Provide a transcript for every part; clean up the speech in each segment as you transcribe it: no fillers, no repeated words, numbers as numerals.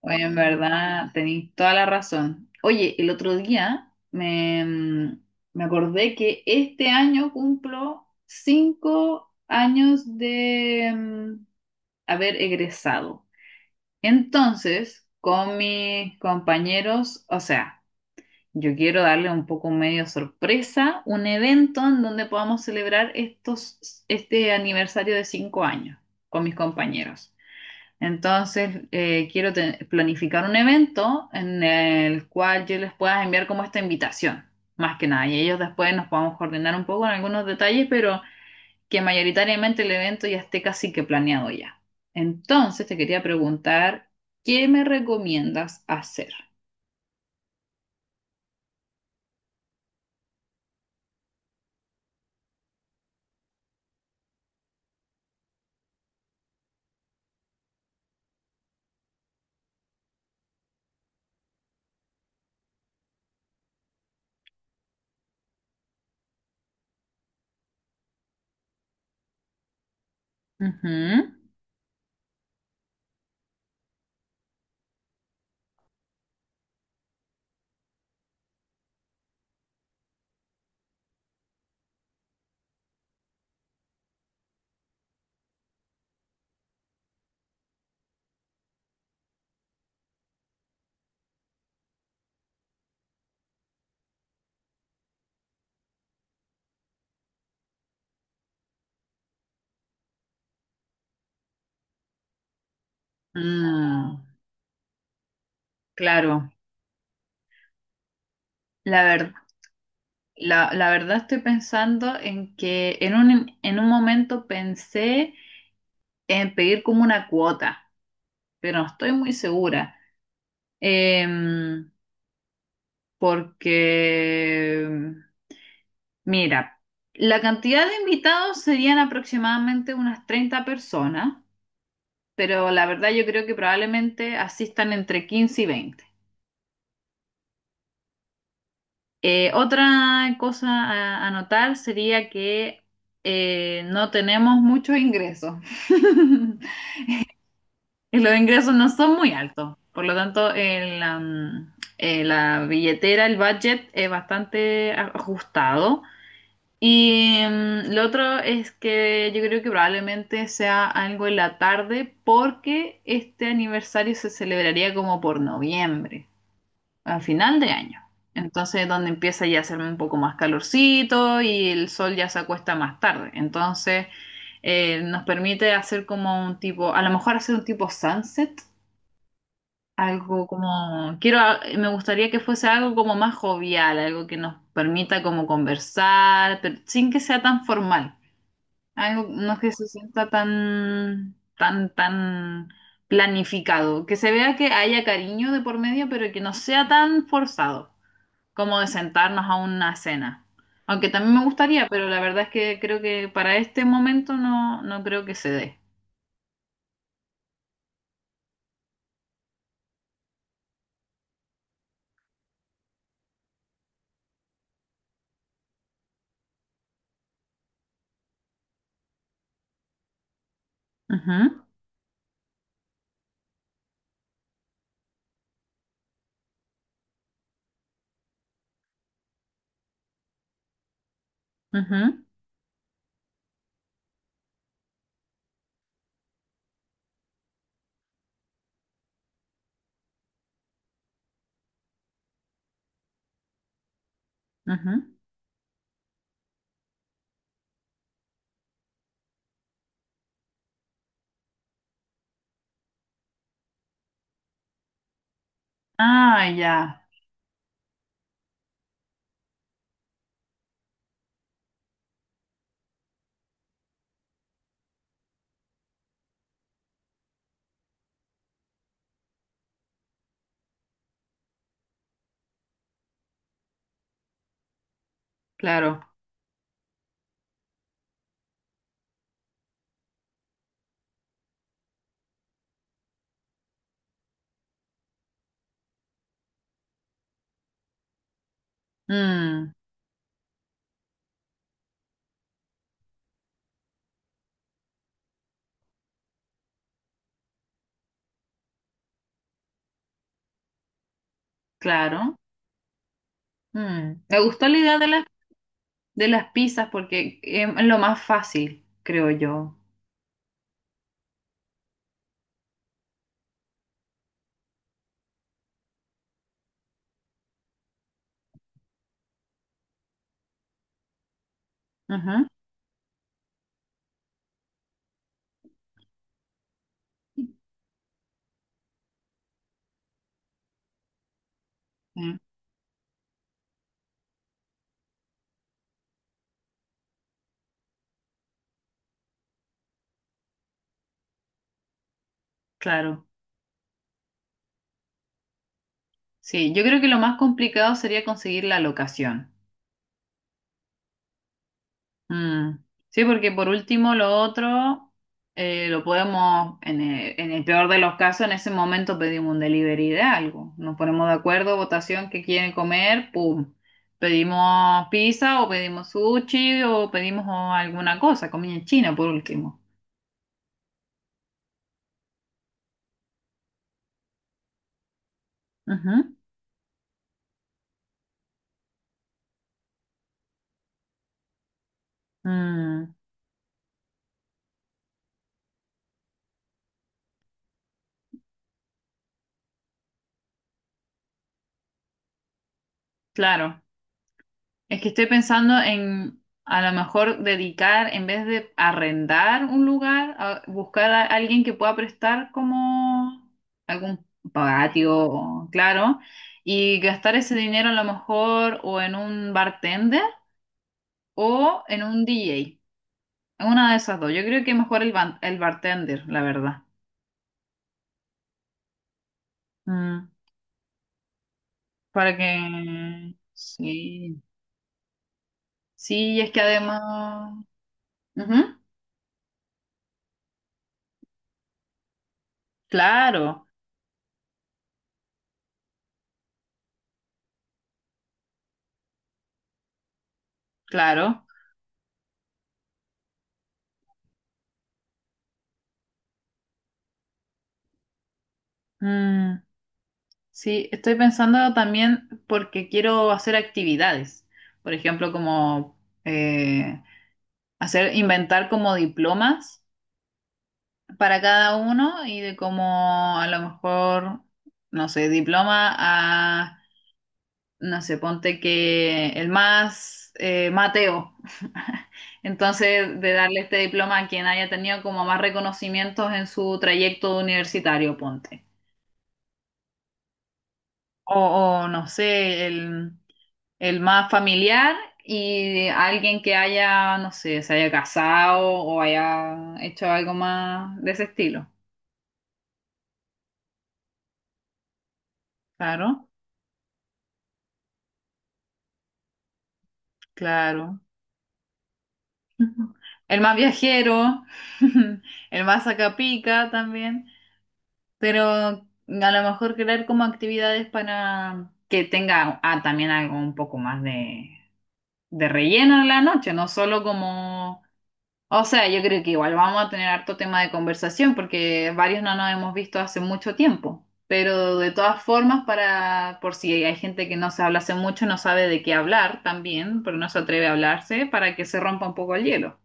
Oye, en verdad, tenéis toda la razón. Oye, el otro día me acordé que este año cumplo cinco años de haber egresado. Entonces, con mis compañeros, o sea, yo quiero darle un poco medio sorpresa, un evento en donde podamos celebrar este aniversario de cinco años con mis compañeros. Entonces, planificar un evento en el cual yo les pueda enviar como esta invitación, más que nada, y ellos después nos podamos coordinar un poco en algunos detalles, pero que mayoritariamente el evento ya esté casi que planeado ya. Entonces, te quería preguntar, ¿qué me recomiendas hacer? Ujú. Mm, claro, la ver- la verdad estoy pensando en que en un momento pensé en pedir como una cuota, pero no estoy muy segura. Em, Porque, mira, la cantidad de invitados serían aproximadamente unas 30 personas, pero la verdad yo creo que probablemente asistan entre 15 y veinte. Otra cosa a notar sería que no tenemos muchos ingresos. Y los ingresos no son muy altos, por lo tanto, la billetera, el budget es bastante ajustado. Y lo otro es que yo creo que probablemente sea algo en la tarde porque este aniversario se celebraría como por noviembre, a final de año. Entonces, donde empieza ya a hacer un poco más calorcito y el sol ya se acuesta más tarde. Entonces, nos permite hacer como un tipo, a lo mejor hacer un tipo sunset, algo como, me gustaría que fuese algo como más jovial, algo que nos permita como conversar, pero sin que sea tan formal, algo no que se sienta tan planificado, que se vea que haya cariño de por medio, pero que no sea tan forzado, como de sentarnos a una cena. Aunque también me gustaría, pero la verdad es que creo que para este momento no, no creo que se dé. Ujú, ujú, ujú. Ah, ya, claro. Mm, claro. Mm. Me gustó la idea de las pizzas porque em, es lo más fácil, creo yo. Ujú. Mm, claro. Sí, yo creo que lo más complicado sería conseguir la locación. Mm. Sí, porque por último lo otro lo podemos, en el peor de los casos, en ese momento pedimos un delivery de algo. Nos ponemos de acuerdo, votación, qué quieren comer, pum. Pedimos pizza o pedimos sushi o pedimos oh, alguna cosa, comida china por último. Ujú. Mm, claro. Es que estoy pensando en a lo mejor dedicar, en vez de arrendar un lugar, a buscar a alguien que pueda prestar como algún patio, claro, y gastar ese dinero a lo mejor o en un bartender o en un DJ. En una de esas dos. Yo creo que mejor el bartender, la verdad. Mm, para que... Sí. Sí, es que además... Ujú, claro, claro. Mm. Sí, estoy pensando también porque quiero hacer actividades, por ejemplo, como eh, hacer, inventar como diplomas para cada uno y de como a lo mejor, no sé, diploma a, no sé, ponte que el más Mateo. Entonces, de darle este diploma a quien haya tenido como más reconocimientos en su trayecto universitario, ponte. O, o no sé, el... El más familiar y alguien que haya, no sé, se haya casado o haya hecho algo más de ese estilo. Claro, claro. El más viajero, el más sacapica también, pero a lo mejor crear como actividades para que tenga ah, también algo un poco más de relleno en la noche, no solo como. O sea, yo creo que igual vamos a tener harto tema de conversación porque varios no nos hemos visto hace mucho tiempo. Pero de todas formas, para, por si hay gente que no se habla hace mucho, no sabe de qué hablar también, pero no se atreve a hablarse para que se rompa un poco el hielo.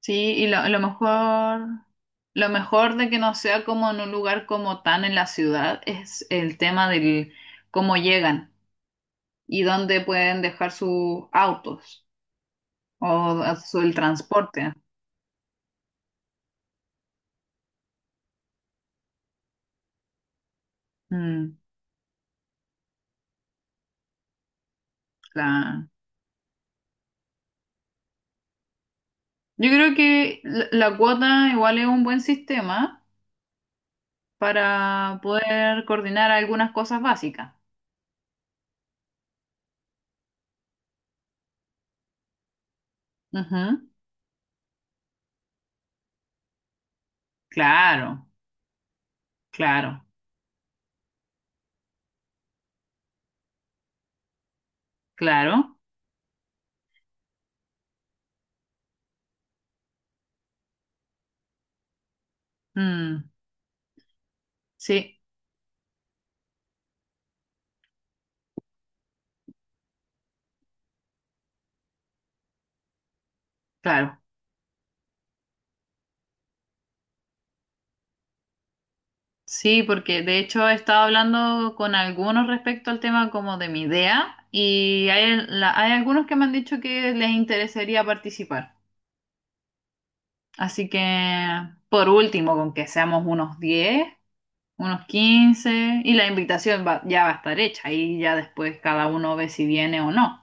Sí, lo mejor de que no sea como en un lugar como tan en la ciudad es el tema del cómo llegan y dónde pueden dejar sus autos o el transporte. Mm, claro. Yo creo que la la cuota igual es un buen sistema para poder coordinar algunas cosas básicas. Ujú. Claro, claro, claro. Mm, sí, claro. Sí, porque de hecho he estado hablando con algunos respecto al tema como de mi idea y hay, hay algunos que me han dicho que les interesaría participar. Así que, por último, con que seamos unos diez, unos 15 y ya va a estar hecha y ya después cada uno ve si viene o no.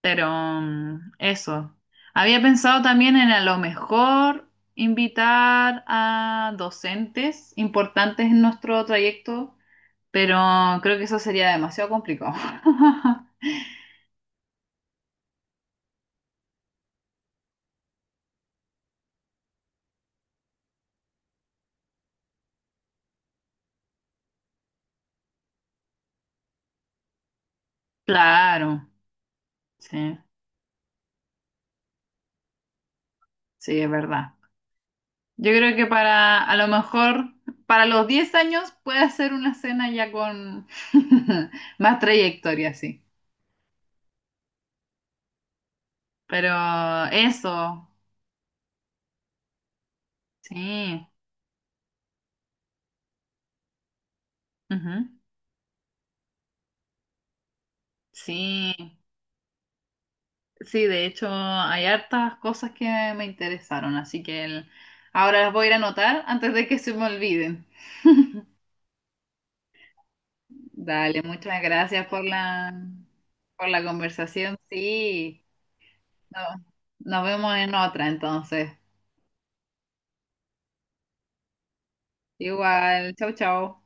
Pero mm, eso. Había pensado también en a lo mejor invitar a docentes importantes en nuestro trayecto, pero creo que eso sería demasiado complicado. Claro, sí, sí, es verdad. Yo creo que para, a lo mejor, para los 10 años puede hacer una cena ya con más trayectoria, sí. Pero eso, sí, ujú, sí, sí, de hecho hay hartas cosas que me interesaron, así que ahora las voy a ir a anotar antes de que se me olviden. Dale, muchas gracias por la conversación, sí. No- nos vemos en otra entonces. Igual, chau, chau.